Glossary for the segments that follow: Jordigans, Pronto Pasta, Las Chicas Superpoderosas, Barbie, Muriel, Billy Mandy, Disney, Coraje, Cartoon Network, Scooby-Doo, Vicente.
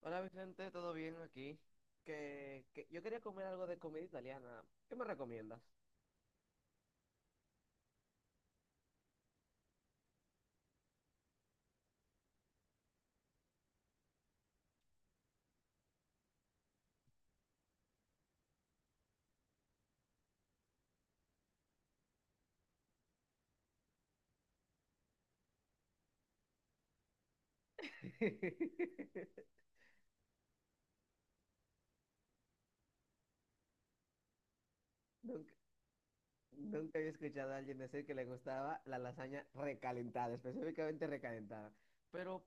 Hola Vicente, ¿todo bien aquí? Que yo quería comer algo de comida italiana. ¿Qué me recomiendas? Nunca, nunca había escuchado a alguien decir que le gustaba la lasaña recalentada, específicamente recalentada. Pero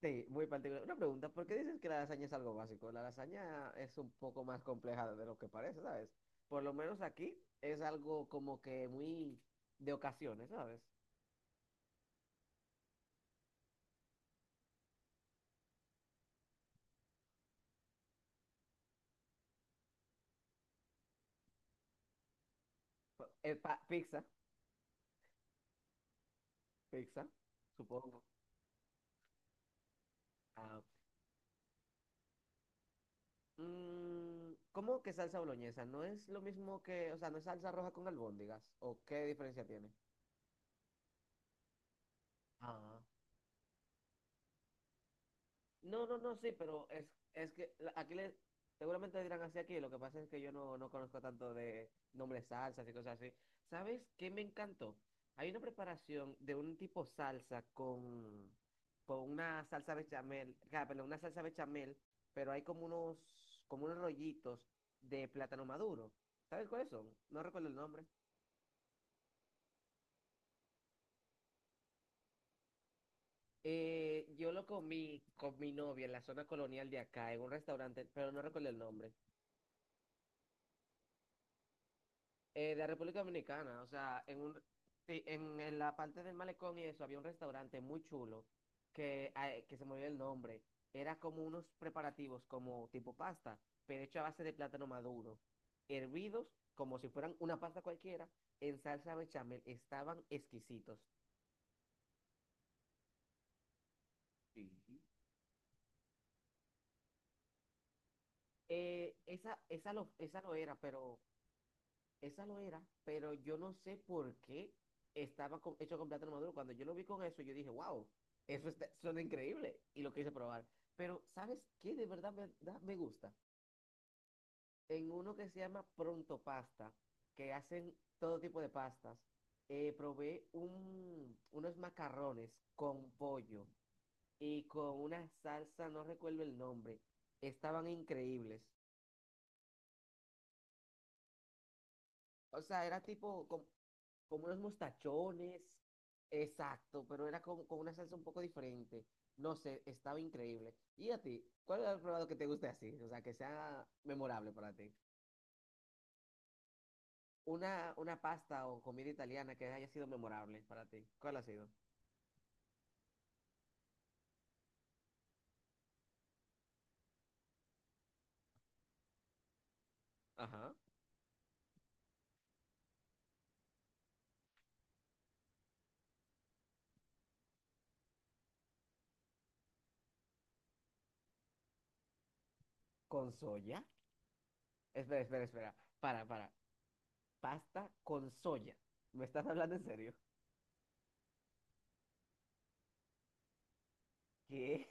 sí, muy particular. Una pregunta, ¿por qué dices que la lasaña es algo básico? La lasaña es un poco más compleja de lo que parece, ¿sabes? Por lo menos aquí es algo como que muy de ocasiones, ¿sabes? Pizza, pizza, supongo. Ah, ¿cómo que salsa boloñesa? ¿No es lo mismo que, o sea, no es salsa roja con albóndigas? ¿O qué diferencia tiene? Ah, no, no, no, sí, pero es que aquí le, seguramente le dirán así aquí, lo que pasa es que yo no, no conozco tanto de nombres salsas y cosas así. ¿Sabes qué me encantó? Hay una preparación de un tipo salsa con una salsa bechamel, ah, perdón, una salsa bechamel, pero hay como unos rollitos de plátano maduro. ¿Sabes cuáles son? No recuerdo el nombre. Yo lo comí con mi novia en la zona colonial de acá, en un restaurante, pero no recuerdo el nombre, de República Dominicana, o sea, en un, sí, en la parte del malecón y eso había un restaurante muy chulo que, ah, que se me olvidó el nombre. Era como unos preparativos como tipo pasta, pero hecho a base de plátano maduro, hervidos como si fueran una pasta cualquiera, en salsa bechamel, estaban exquisitos. Sí. Esa no era, pero esa lo era, pero yo no sé por qué hecho con plátano maduro. Cuando yo lo vi con eso, yo dije, wow, suena increíble. Y lo quise probar. Pero, ¿sabes qué? De verdad me gusta. En uno que se llama Pronto Pasta, que hacen todo tipo de pastas, unos macarrones con pollo y con una salsa, no recuerdo el nombre. Estaban increíbles. O sea, era tipo como, como unos mostachones. Exacto, pero era como con una salsa un poco diferente. No sé, estaba increíble. ¿Y a ti? ¿Cuál es el probado que te guste así? O sea, que sea memorable para ti. Una pasta o comida italiana que haya sido memorable para ti. ¿Cuál ha sido? Ajá. ¿Con soya? Espera, espera, espera. Para, para. Pasta con soya. ¿Me estás hablando en serio? ¿Qué?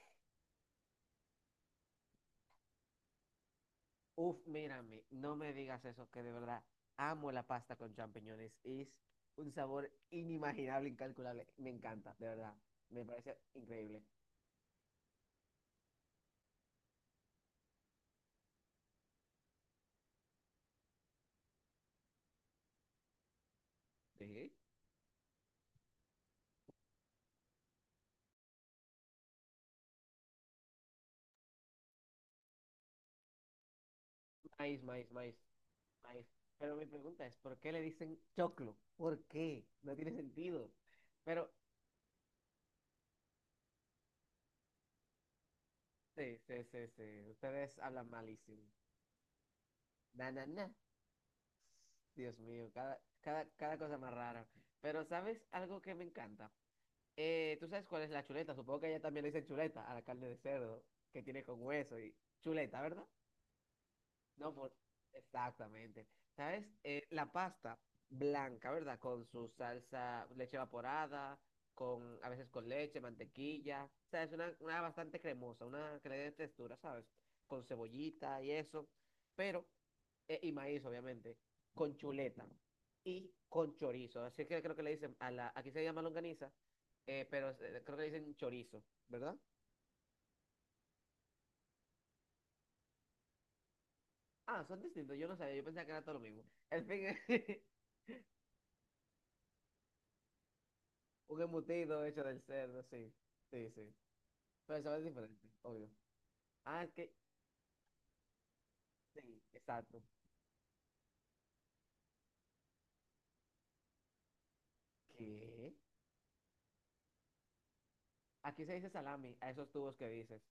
Uf, mírame, no me digas eso, que de verdad amo la pasta con champiñones. Es un sabor inimaginable, incalculable. Me encanta, de verdad. Me parece increíble. ¿Eh? Maíz, maíz, maíz, maíz. Pero mi pregunta es, ¿por qué le dicen choclo? ¿Por qué? No tiene sentido. Pero, sí, sí, sí, sí. Ustedes hablan malísimo. Na, na, na. Dios mío, cada cosa más rara. Pero, ¿sabes algo que me encanta? ¿Tú sabes cuál es la chuleta? Supongo que ella también le dice chuleta a la carne de cerdo que tiene con hueso y chuleta, ¿verdad? No, por... Exactamente. ¿Sabes? La pasta blanca, ¿verdad? Con su salsa, leche evaporada, con, a veces con leche, mantequilla. O sea, es una bastante cremosa, una que le dé textura, ¿sabes? Con cebollita y eso. Pero, y maíz, obviamente, con chuleta y con chorizo. Así que creo que le dicen, a la, aquí se llama longaniza, pero creo que le dicen chorizo, ¿verdad? Ah, son distintos, yo no sabía, yo pensaba que era todo lo mismo. En fin, un embutido hecho del cerdo, sí. Sí, sí. Pero sabe diferente, obvio. Ah, es que, sí, exacto. ¿Qué? Aquí se dice salami, a esos tubos que dices.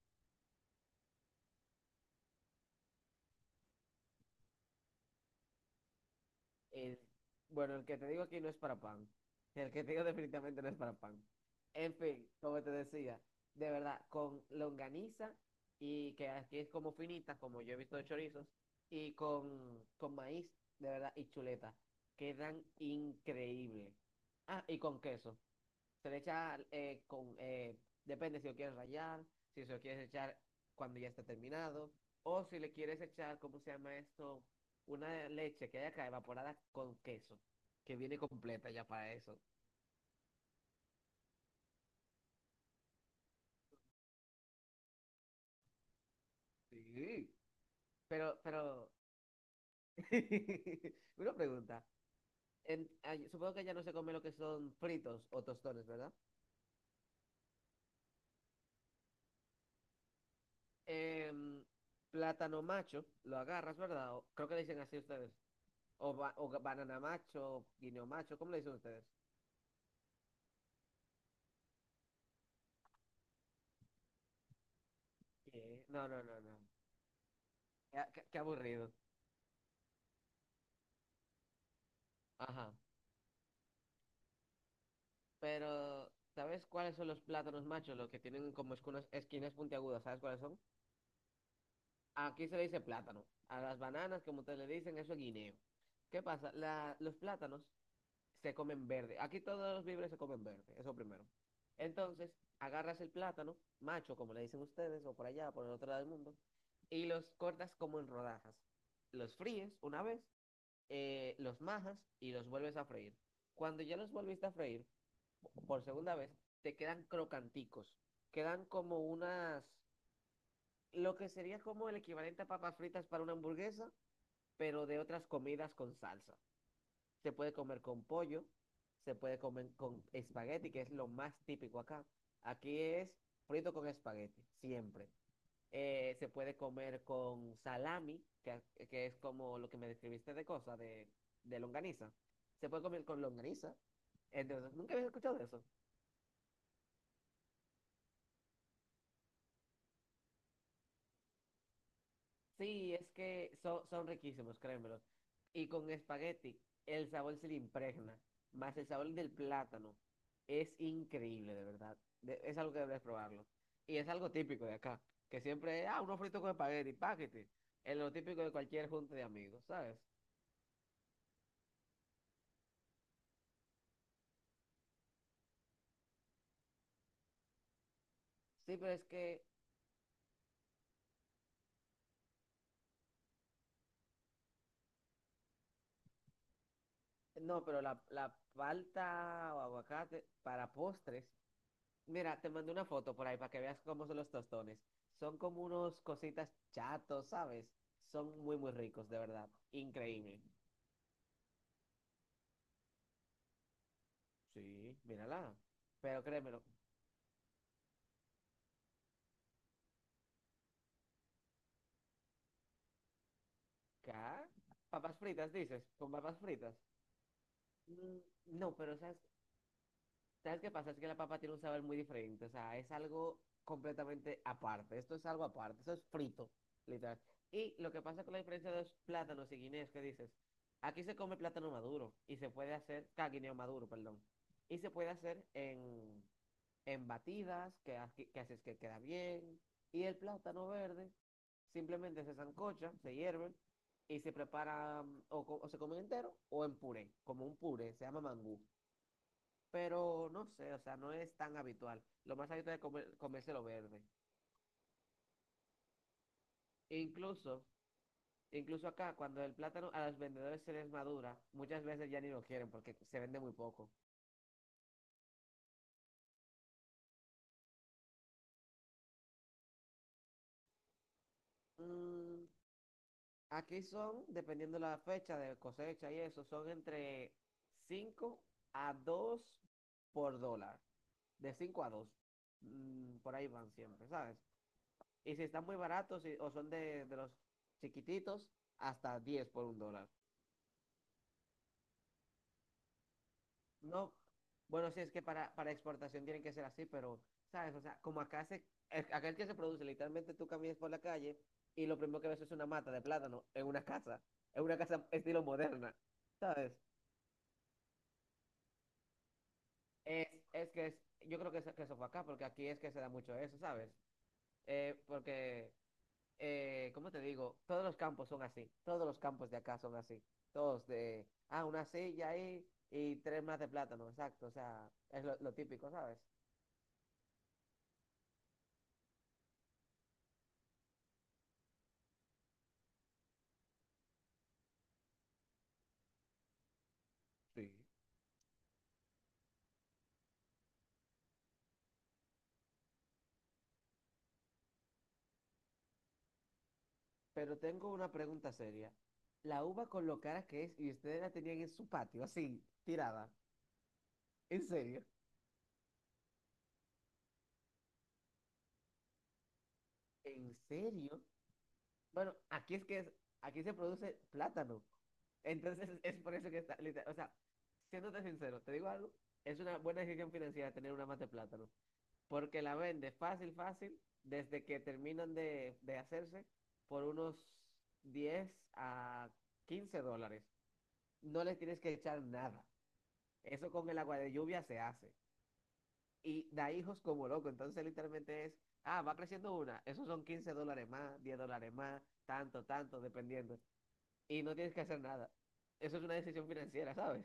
El, bueno, el que te digo aquí no es para pan. El que te digo definitivamente no es para pan. En fin, como te decía, de verdad, con longaniza y que aquí es como finita, como yo he visto de chorizos, y con maíz, de verdad, y chuleta. Quedan increíbles. Ah, y con queso. Se le echa depende si lo quieres rallar, si se lo quieres echar cuando ya está terminado, o si le quieres echar, ¿cómo se llama esto? Una leche que haya acá evaporada con queso, que viene completa ya para eso. Sí. Pero, una pregunta. Supongo que ya no se come lo que son fritos o tostones, ¿verdad? Em, plátano macho, lo agarras, ¿verdad? Creo que le dicen así ustedes. O, ba- o ga- banana macho, guineo macho, ¿cómo le dicen ustedes? ¿Qué? No, no, no, no. Qué aburrido. Ajá. Pero, ¿sabes cuáles son los plátanos machos? Los que tienen como esquinas, esquinas puntiagudas. ¿Sabes cuáles son? Aquí se le dice plátano. A las bananas, como ustedes le dicen, eso es guineo. ¿Qué pasa? Los plátanos se comen verde. Aquí todos los víveres se comen verde. Eso primero. Entonces, agarras el plátano, macho, como le dicen ustedes, o por allá, por el otro lado del mundo, y los cortas como en rodajas. Los fríes una vez, los majas y los vuelves a freír. Cuando ya los volviste a freír por segunda vez, te quedan crocanticos. Quedan como unas, lo que sería como el equivalente a papas fritas para una hamburguesa, pero de otras comidas con salsa. Se puede comer con pollo, se puede comer con espagueti, que es lo más típico acá. Aquí es frito con espagueti, siempre. Se puede comer con salami, que es como lo que me describiste de cosas, de longaniza. Se puede comer con longaniza. Entonces, nunca había escuchado de eso. Sí, es que son riquísimos, créemelo. Y con espagueti, el sabor se le impregna, más el sabor del plátano. Es increíble, de verdad. Es algo que debes probarlo. Y es algo típico de acá, que siempre, ah, unos fritos con espagueti, paquete. Es lo típico de cualquier junta de amigos, ¿sabes? Sí, pero es que. No, pero la palta o aguacate para postres. Mira, te mandé una foto por ahí para que veas cómo son los tostones. Son como unos cositas chatos, ¿sabes? Son muy, muy ricos, de verdad. Increíble. Sí, mírala. Pero créemelo. ¿Qué? ¿Papas fritas, dices? ¿Con papas fritas? Mm, no, pero ¿Sabes qué pasa? Es que la papa tiene un sabor muy diferente. O sea, es algo completamente aparte. Esto es algo aparte. Eso es frito, literal. Y lo que pasa con la diferencia de los plátanos y guineos que dices, aquí se come plátano maduro y se puede hacer, ah, guineo maduro, perdón. Y se puede hacer en batidas, que, que haces que queda bien. Y el plátano verde simplemente se sancocha, se hierve y se prepara mm, o se come entero o en puré, como un puré, se llama mangú, pero no sé, o sea, no es tan habitual. Lo más habitual es comerse lo verde. E incluso acá, cuando el plátano a los vendedores se les madura, muchas veces ya ni lo quieren porque se vende muy poco. Mm, aquí son, dependiendo la fecha de cosecha y eso, son entre 5 a 2 por dólar. De 5 a dos. Mm, por ahí van siempre, ¿sabes? Y si están muy baratos y- o son de los chiquititos, hasta 10 por $1. No, bueno, sí, es que para exportación tienen que ser así, pero, ¿sabes? O sea, como acá se, acá el que se produce, literalmente tú caminas por la calle y lo primero que ves es una mata de plátano en una casa, en una casa, estilo moderna, ¿sabes? Es, es que es, yo creo que, es que eso fue acá, porque aquí es que se da mucho eso, ¿sabes? Porque, ¿cómo te digo? Todos los campos son así, todos los campos de acá son así, todos de, ah, una silla ahí y tres más de plátano, exacto, o sea, es lo típico, ¿sabes? Sí. Pero tengo una pregunta seria. La uva con lo cara que es y ustedes la tenían en su patio, así, tirada. ¿En serio? ¿En serio? Bueno, aquí es que es- aquí se produce plátano. Entonces es por eso que está, o sea, siéndote sincero, te digo algo, es una buena decisión financiera tener una mata de plátano, porque la vende fácil, fácil, desde que terminan de hacerse por unos 10 a $15. No le tienes que echar nada. Eso con el agua de lluvia se hace. Y da hijos como loco. Entonces literalmente es, ah, va creciendo una. Esos son $15 más, $10 más, tanto, tanto, dependiendo. Y no tienes que hacer nada. Eso es una decisión financiera, ¿sabes?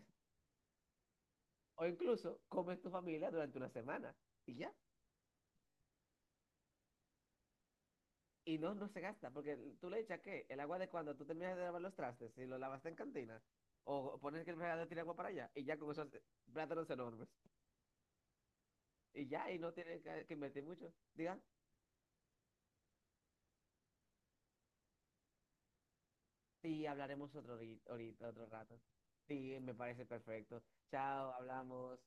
O incluso comes tu familia durante una semana y ya. Y no, no se gasta, porque tú le echas ¿qué? El agua de cuando tú terminas de lavar los trastes, si lo lavaste en cantina, o pones que el fregadero tiene agua para allá, y ya con esos plátanos enormes. Y ya, y no tienes que, invertir mucho. Diga, sí, hablaremos ahorita, otro rato. Sí, me parece perfecto. Chao, hablamos.